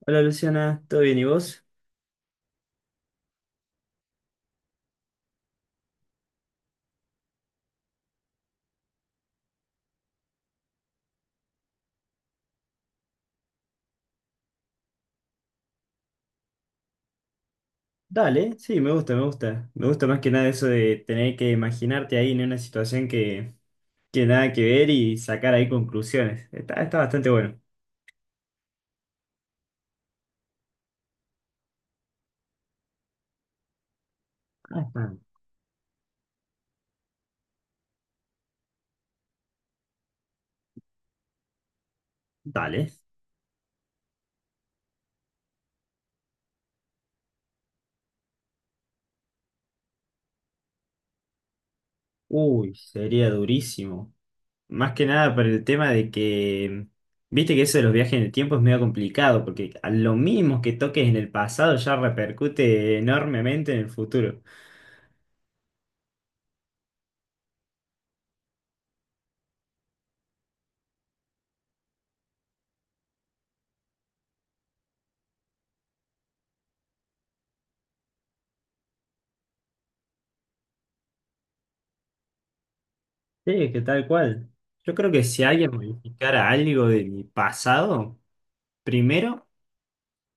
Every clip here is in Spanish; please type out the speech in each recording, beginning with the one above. Hola Luciana, ¿todo bien y vos? Dale, sí, me gusta, me gusta. Me gusta más que nada eso de tener que imaginarte ahí en una situación que tiene nada que ver y sacar ahí conclusiones. Está bastante bueno. Ah, está. Dale. Uy, sería durísimo. Más que nada por el tema de que, viste que eso de los viajes en el tiempo es medio complicado, porque a lo mismo que toques en el pasado ya repercute enormemente en el futuro. Sí, que tal cual. Yo creo que si alguien modificara algo de mi pasado... Primero,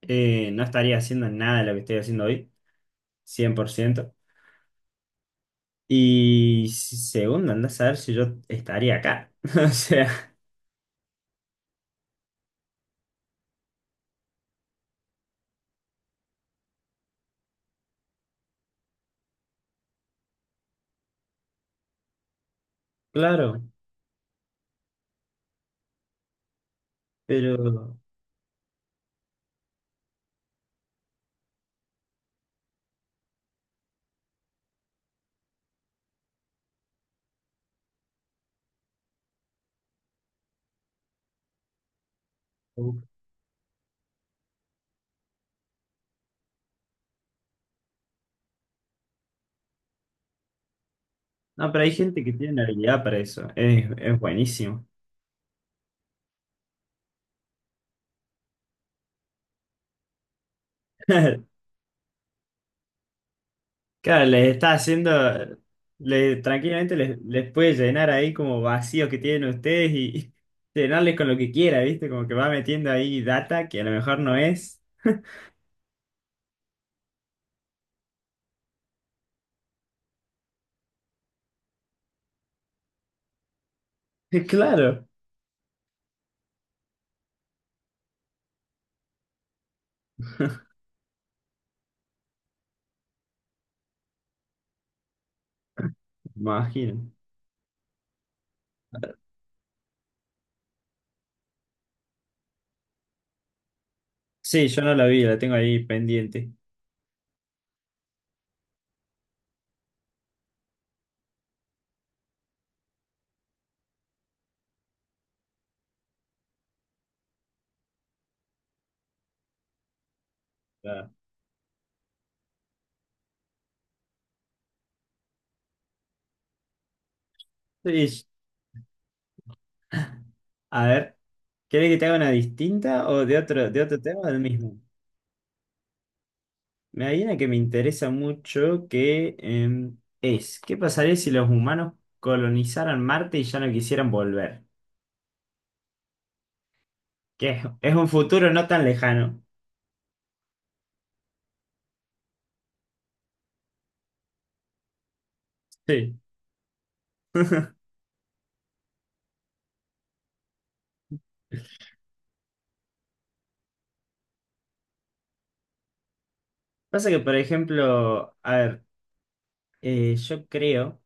no estaría haciendo nada de lo que estoy haciendo hoy, 100%. Y segundo, andás a ver si yo estaría acá. O sea, claro, pero... uf. No, pero hay gente que tiene habilidad para eso. Es buenísimo. Claro, les está haciendo... tranquilamente les puede llenar ahí como vacíos que tienen ustedes y y llenarles con lo que quiera, ¿viste? Como que va metiendo ahí data que a lo mejor no es. Claro, imagino. Sí, yo no la vi, la tengo ahí pendiente. Ah. Sí, a ver, ¿querés que te haga una distinta o de otro tema o del mismo? Me hay una que me interesa mucho que es, ¿qué pasaría si los humanos colonizaran Marte y ya no quisieran volver? Que es un futuro no tan lejano. Sí. Pasa que, por ejemplo, a ver, yo creo...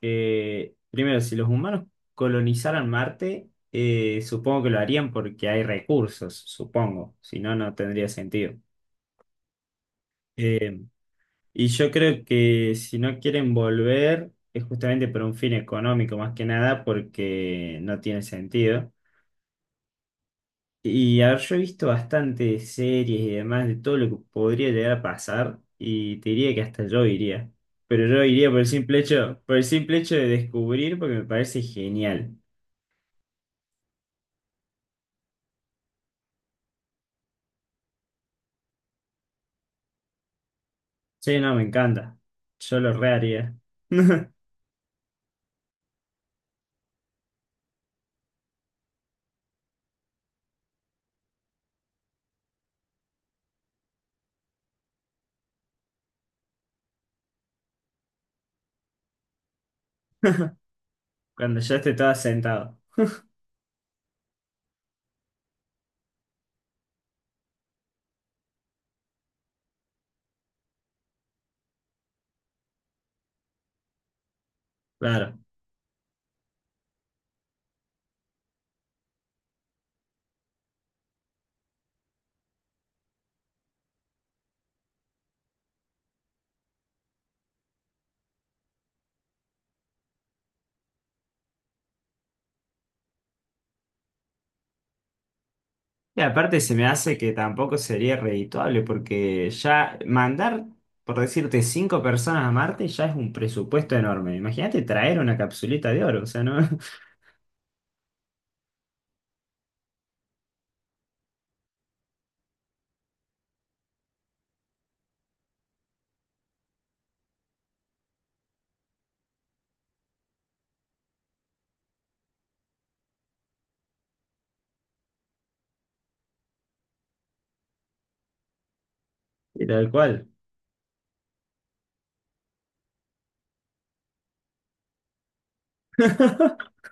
que, primero, si los humanos colonizaran Marte, supongo que lo harían porque hay recursos, supongo, si no, no tendría sentido. Eh, y yo creo que si no quieren volver, es justamente por un fin económico más que nada, porque no tiene sentido. Y a ver, yo he visto bastantes series y demás de todo lo que podría llegar a pasar, y te diría que hasta yo iría. Pero yo iría por el simple hecho, por el simple hecho de descubrir, porque me parece genial. Sí, no, me encanta. Yo lo reharía. Cuando ya esté todo sentado. Claro. Y aparte se me hace que tampoco sería redituable porque ya mandar, por decirte, cinco personas a Marte ya es un presupuesto enorme. Imagínate traer una capsulita de oro, o sea, ¿no? Y tal cual.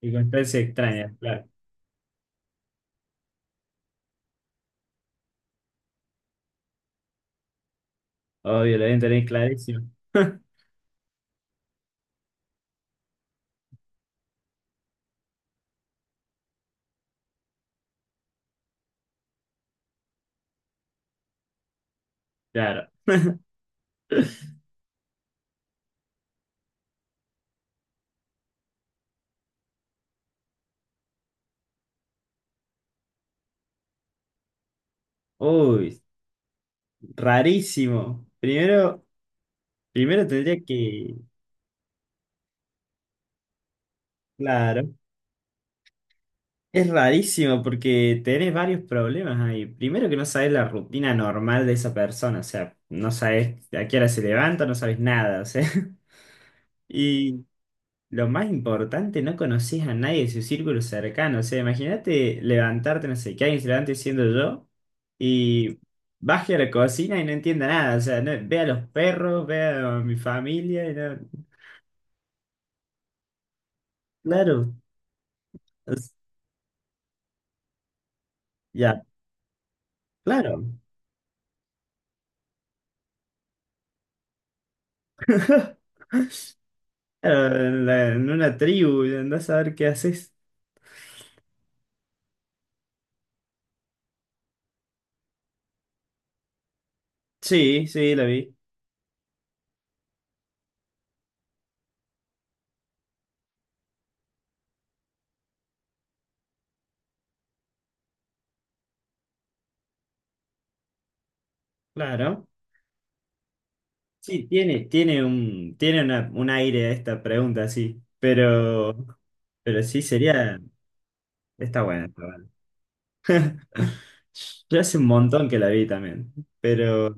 Y circunstancias extrañas, claro. Obvio, lo deben tener clarísimo. Claro. Uy, rarísimo. Primero tendría que... Claro. Es rarísimo porque tenés varios problemas ahí. Primero que no sabes la rutina normal de esa persona, o sea, no sabes a qué hora se levanta, no sabes nada, o sea. Y lo más importante, no conocés a nadie de su círculo cercano, o sea, imagínate levantarte, no sé, que alguien se levante siendo yo y baje a la cocina y no entienda nada, o sea, no, ve a los perros, ve a mi familia Claro, es- ya, claro. Claro, en una tribu, y andás a ver qué haces. Sí, sí, la vi. Claro. Sí, tiene un aire a esta pregunta, sí. Pero sí sería. Está buena, está buena. Yo hace un montón que la vi también. Pero,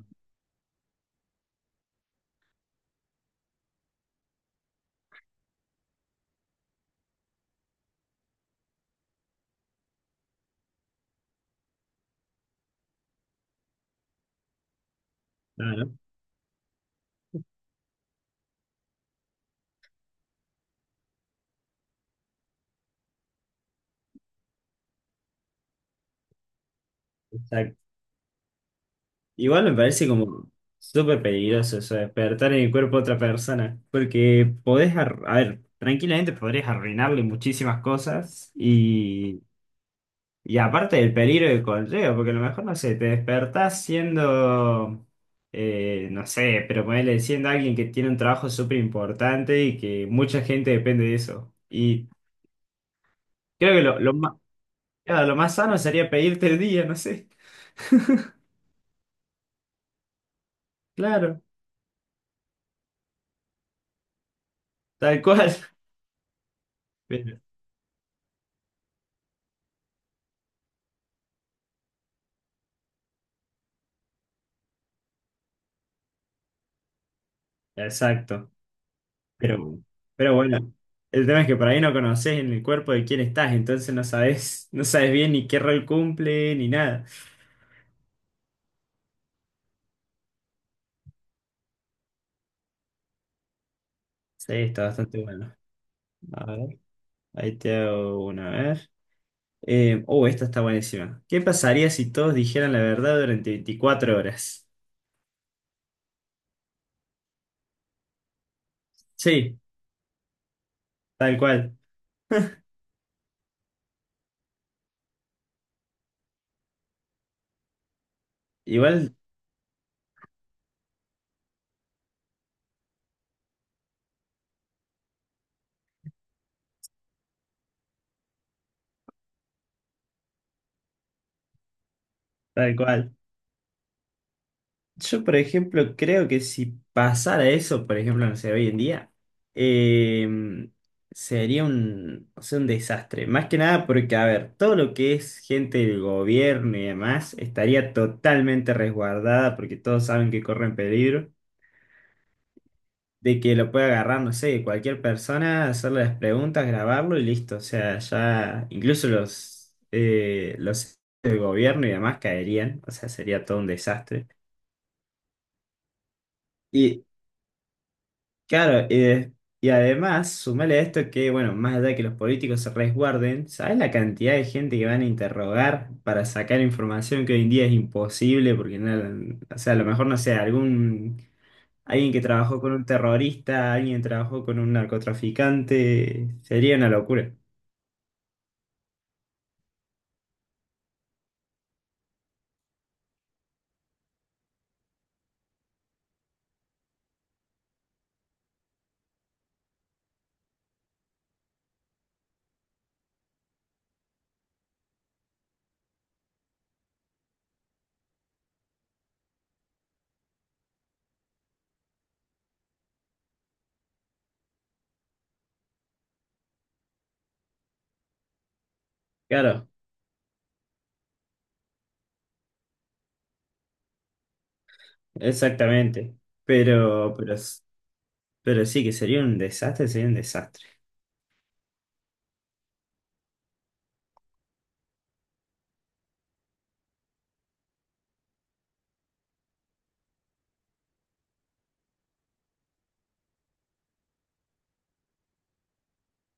claro, exacto. Igual me parece como súper peligroso eso, de despertar en el cuerpo de otra persona. Porque podés, a ver, tranquilamente podrías arruinarle muchísimas cosas. Y aparte del peligro que conlleva, porque a lo mejor, no sé, te despertás siendo, no sé, pero ponele siendo alguien que tiene un trabajo súper importante y que mucha gente depende de eso. Y creo que lo más sano sería pedirte el día, no sé. Claro, tal cual. Pero- exacto. Pero, pero bueno, el tema es que por ahí no conoces en el cuerpo de quién estás, entonces no sabes bien ni qué rol cumple ni nada. Sí, está bastante bueno. Ahí te hago una vez. Oh, esta está buenísima. ¿Qué pasaría si todos dijeran la verdad durante 24 horas? Sí, tal cual. Igual, tal cual. Yo, por ejemplo, creo que si pasara eso, por ejemplo, no sé, hoy en día, eh, sería un, o sea, un desastre. Más que nada porque, a ver, todo lo que es gente del gobierno y demás estaría totalmente resguardada porque todos saben que corren peligro. De que lo puede agarrar, no sé, cualquier persona, hacerle las preguntas, grabarlo y listo. O sea, ya incluso los del gobierno y demás caerían, o sea, sería todo un desastre. Y claro, y además, sumale a esto que, bueno, más allá de que los políticos se resguarden, ¿sabes la cantidad de gente que van a interrogar para sacar información que hoy en día es imposible? Porque, no, o sea, a lo mejor, no sé, algún. Alguien que trabajó con un terrorista, alguien que trabajó con un narcotraficante, sería una locura. Claro, exactamente. Pero, pero, s- pero sí, que sería un desastre, sería un desastre.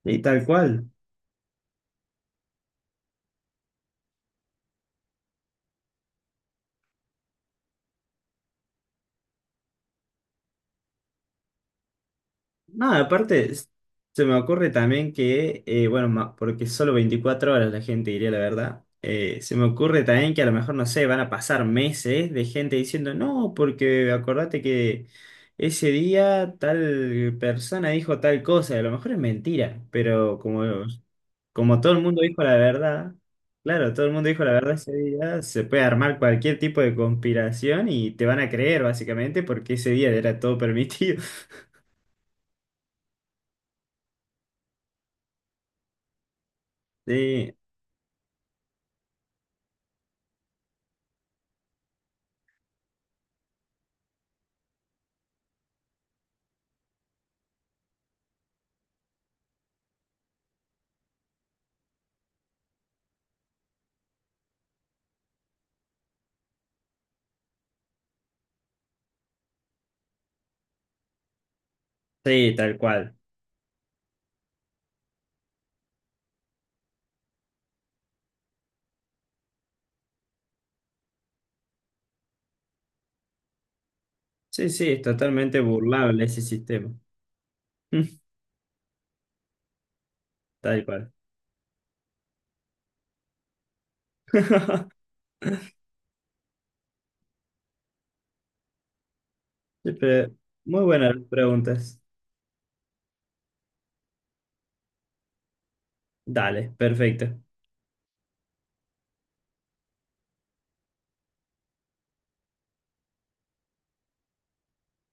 Y tal cual. Nada, aparte, se me ocurre también que, bueno, porque solo 24 horas la gente diría la verdad, se me ocurre también que a lo mejor, no sé, van a pasar meses de gente diciendo, no, porque acordate que ese día tal persona dijo tal cosa, y a lo mejor es mentira, pero como, como todo el mundo dijo la verdad, claro, todo el mundo dijo la verdad ese día, se puede armar cualquier tipo de conspiración y te van a creer básicamente porque ese día era todo permitido. Sí. Sí, tal cual. Sí, sí, es totalmente burlable ese sistema. Tal cual. Pero muy buenas las preguntas. Dale, perfecto.